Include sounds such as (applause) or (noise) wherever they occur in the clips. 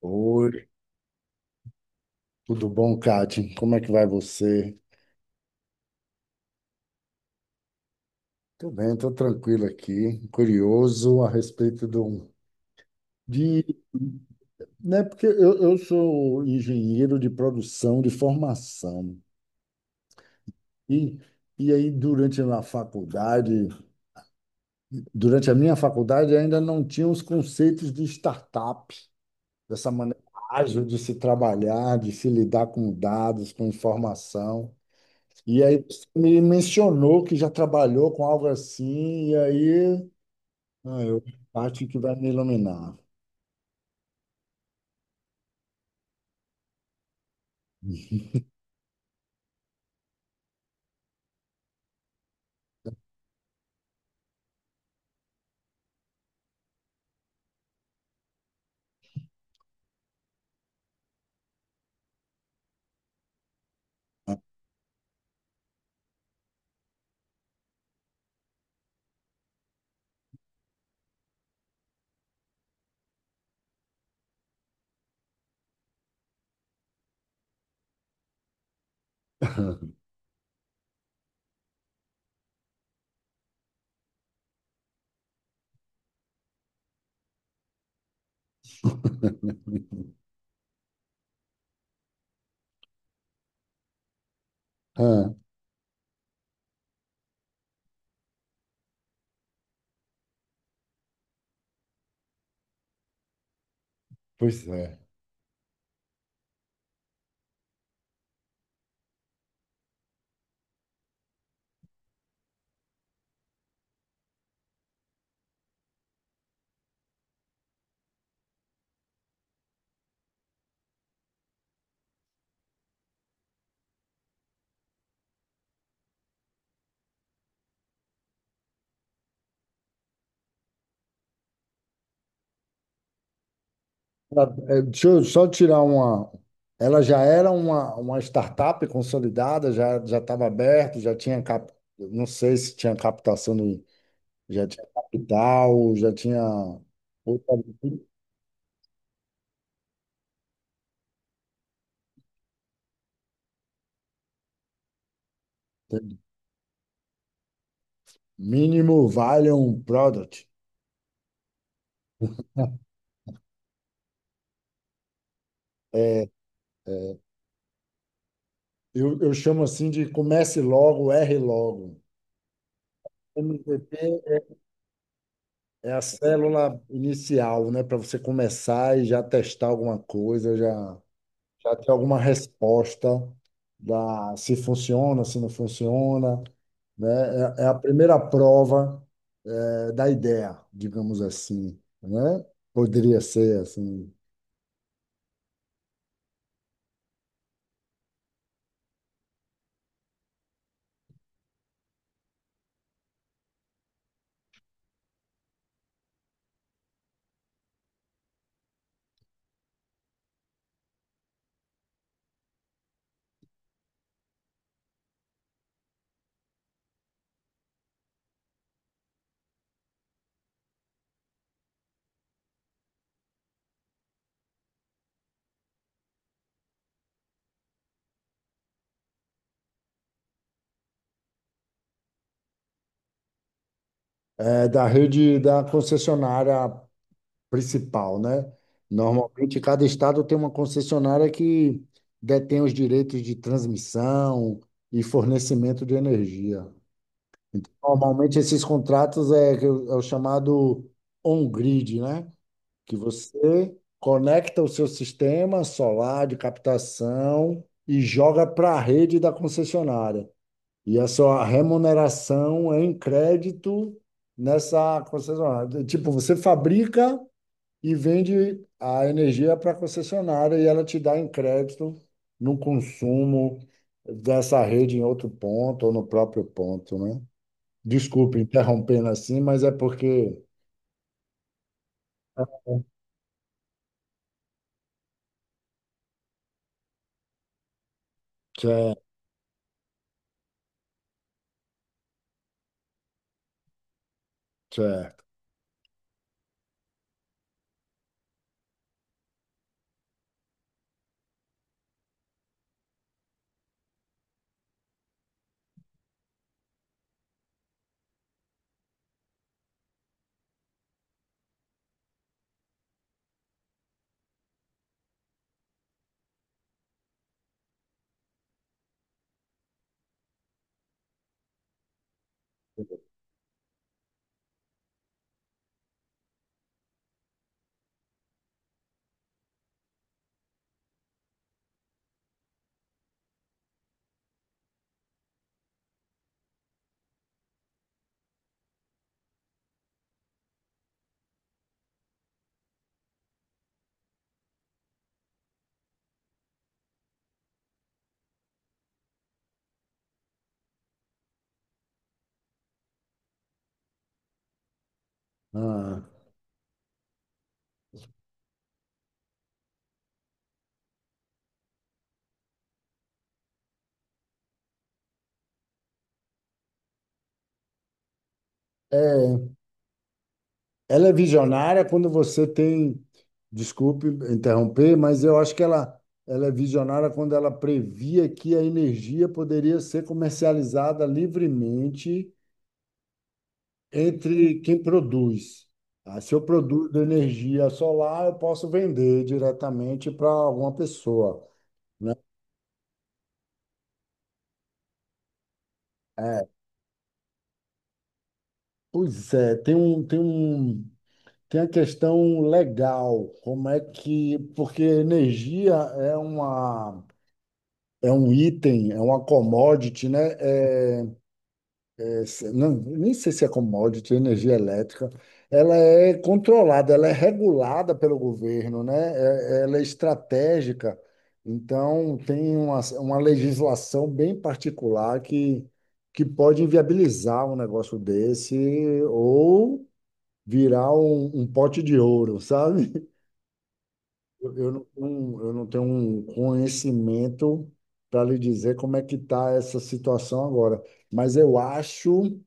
Oi, tudo bom, Kati? Como é que vai você? Tô bem, tô tranquilo aqui, curioso a respeito de, né, porque eu sou engenheiro de produção de formação e, e aí durante a faculdade, durante a minha faculdade ainda não tinha os conceitos de startup, dessa maneira ágil de se trabalhar, de se lidar com dados, com informação. E aí você me mencionou que já trabalhou com algo assim, e aí ah, eu acho que vai me iluminar. (laughs) Ah, pois é. É, deixa eu só tirar uma. Ela já era uma startup consolidada, já estava aberto, já tinha cap... Não sei se tinha captação do... Já tinha capital, já tinha outra- mínimo viable product. Eu chamo assim de comece logo, erre logo. MVP é a célula inicial, né? Para você começar e já testar alguma coisa, já, já ter alguma resposta da se funciona, se não funciona, né? É, é a primeira prova, da ideia, digamos assim, né? Poderia ser assim, é da rede da concessionária principal, né? Normalmente, cada estado tem uma concessionária que detém os direitos de transmissão e fornecimento de energia. Então, normalmente, esses contratos é, que é o chamado on-grid, né? Que você conecta o seu sistema solar de captação e joga para a rede da concessionária. E a sua remuneração é em crédito nessa concessionária. Tipo, você fabrica e vende a energia para a concessionária e ela te dá em crédito no consumo dessa rede em outro ponto ou no próprio ponto, né? Desculpe interrompendo assim, mas é porque. Certo, certo. Ah. É, ela é visionária quando você tem. Desculpe interromper, mas eu acho que ela é visionária quando ela previa que a energia poderia ser comercializada livremente entre quem produz. Ah, se eu produzo energia solar, eu posso vender diretamente para alguma pessoa. É, pois é, tem a questão legal, como é que, porque energia é uma, é um item, é uma commodity, né? É, não, nem sei se é commodity, energia elétrica. Ela é controlada, ela é regulada pelo governo, né? É- ela é estratégica. Então, tem uma legislação bem particular que pode inviabilizar um negócio desse ou virar um pote de ouro, sabe? Eu não, não- eu não tenho um conhecimento para lhe dizer como é que está essa situação agora, mas eu acho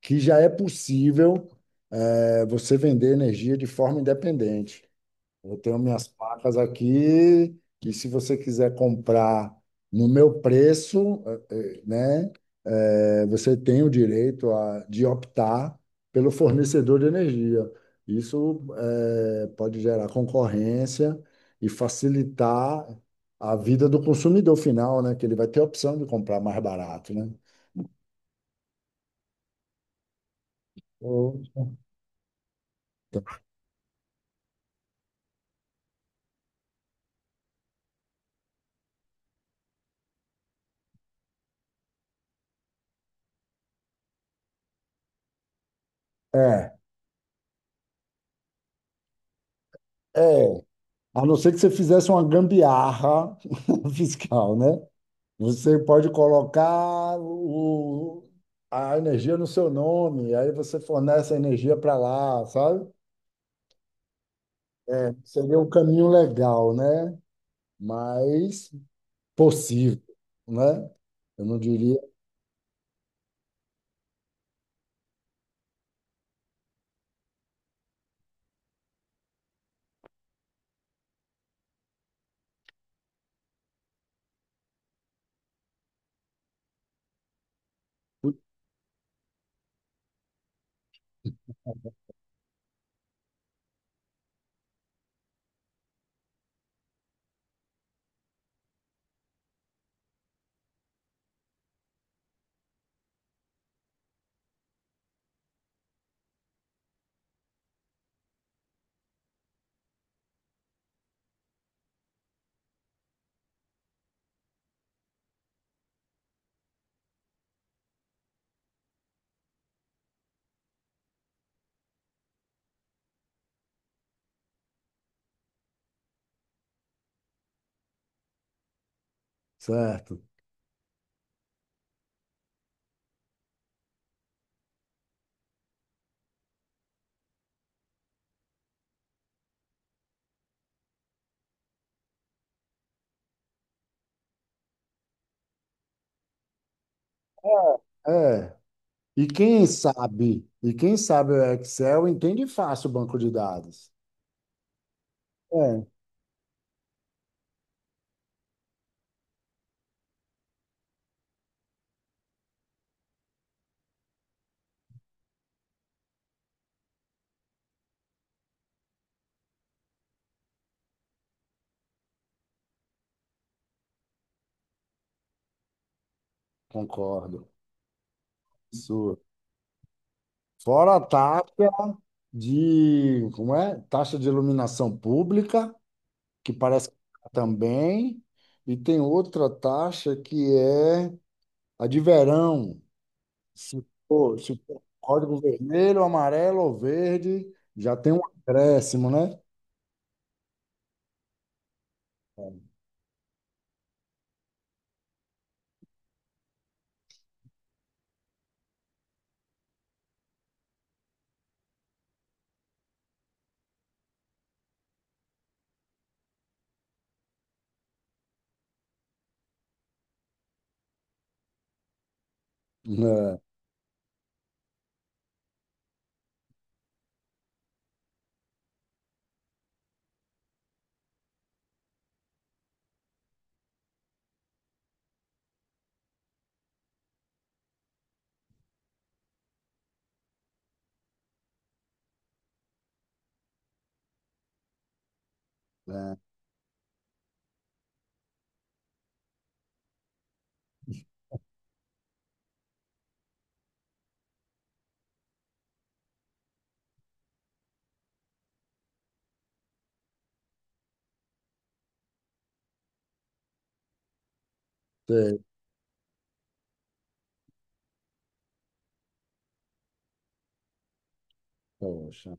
que já é possível é, você vender energia de forma independente. Eu tenho minhas placas aqui, que se você quiser comprar no meu preço, né, é, você tem o direito a, de optar pelo fornecedor de energia. Isso é, pode gerar concorrência e facilitar a vida do consumidor final, né, que ele vai ter a opção de comprar mais barato, né? Ou- é, é. A não ser que você fizesse uma gambiarra (laughs) fiscal, né? Você pode colocar o, a energia no seu nome, aí você fornece a energia para lá, sabe? Seria um caminho legal, né? Mas possível, né? Eu não diria certo. É. E quem sabe o Excel entende fácil o banco de dados. É, concordo. Sua. Fora a taxa de, como é? Taxa de iluminação pública, que parece que tá também, e tem outra taxa que é a de verão. Se for, se for código vermelho, amarelo ou verde, já tem um acréscimo, né? É, é, tem, poxa.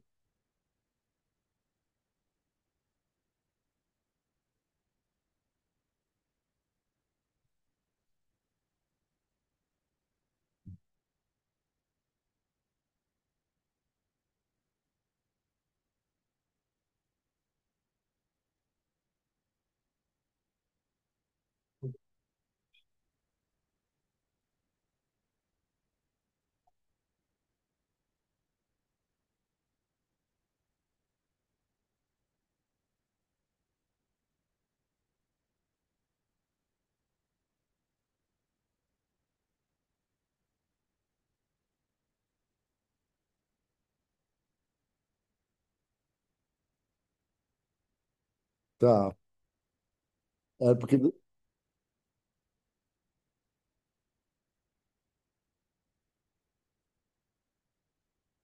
Tá. É porque,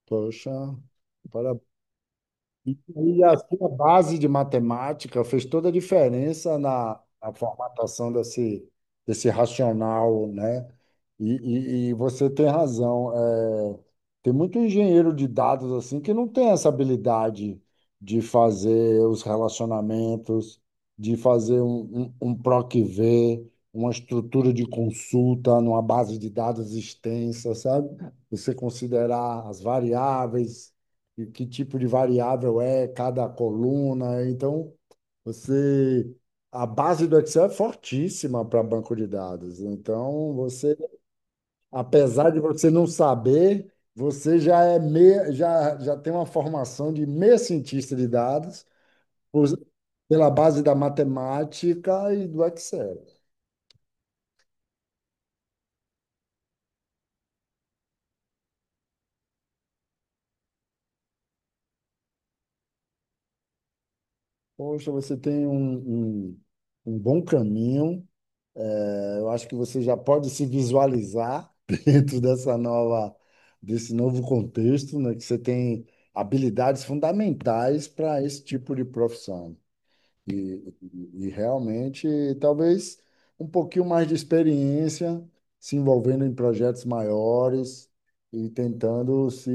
poxa, e aí assim, a sua base de matemática fez toda a diferença na formatação desse, desse racional, né? E você tem razão. É, tem muito engenheiro de dados assim que não tem essa habilidade de fazer os relacionamentos, de fazer um PROC V, uma estrutura de consulta numa base de dados extensa, sabe? Você considerar as variáveis e que tipo de variável é cada coluna. Então, você a base do Excel é fortíssima para banco de dados. Então, você, apesar de você não saber, você já é meia, já, já tem uma formação de meia cientista de dados por- pela base da matemática e do Excel. Poxa, você tem um bom caminho. Eu acho que você já pode se visualizar (laughs) dentro dessa nova, desse novo contexto, né, que você tem habilidades fundamentais para esse tipo de profissão. E, e, realmente, talvez um pouquinho mais de experiência, se envolvendo em projetos maiores e tentando se,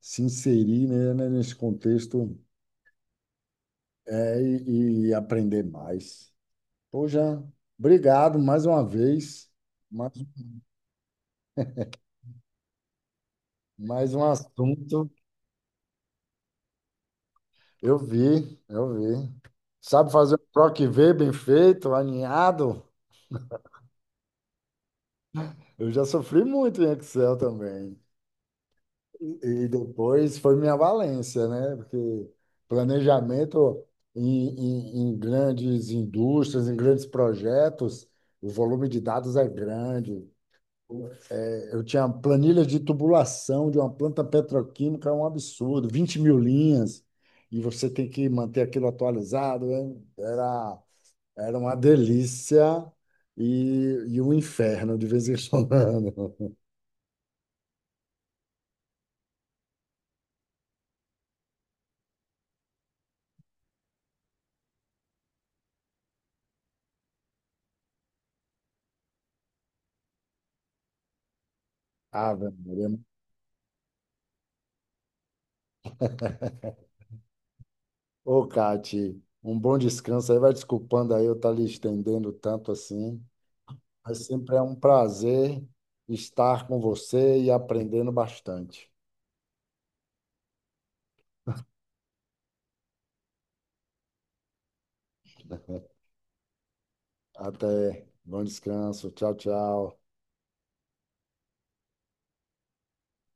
se inserir, nesse contexto, é, e aprender mais. Poxa, obrigado mais uma vez. Mais um assunto. Eu vi. Sabe fazer um PROC V bem feito, alinhado? Eu já sofri muito em Excel também. E depois foi minha valência, né? Porque planejamento em, em grandes indústrias, em grandes projetos, o volume de dados é grande. Eu tinha planilha de tubulação de uma planta petroquímica, é um absurdo, 20.000 linhas, e você tem que manter aquilo atualizado. Hein? Era, era uma delícia e um inferno de vez em quando. (laughs) Ave Maria. Ô, Cati, um bom descanso aí. Vai desculpando aí eu estar lhe estendendo tanto assim, mas sempre é um prazer estar com você e aprendendo bastante. Até. Bom descanso. Tchau, tchau.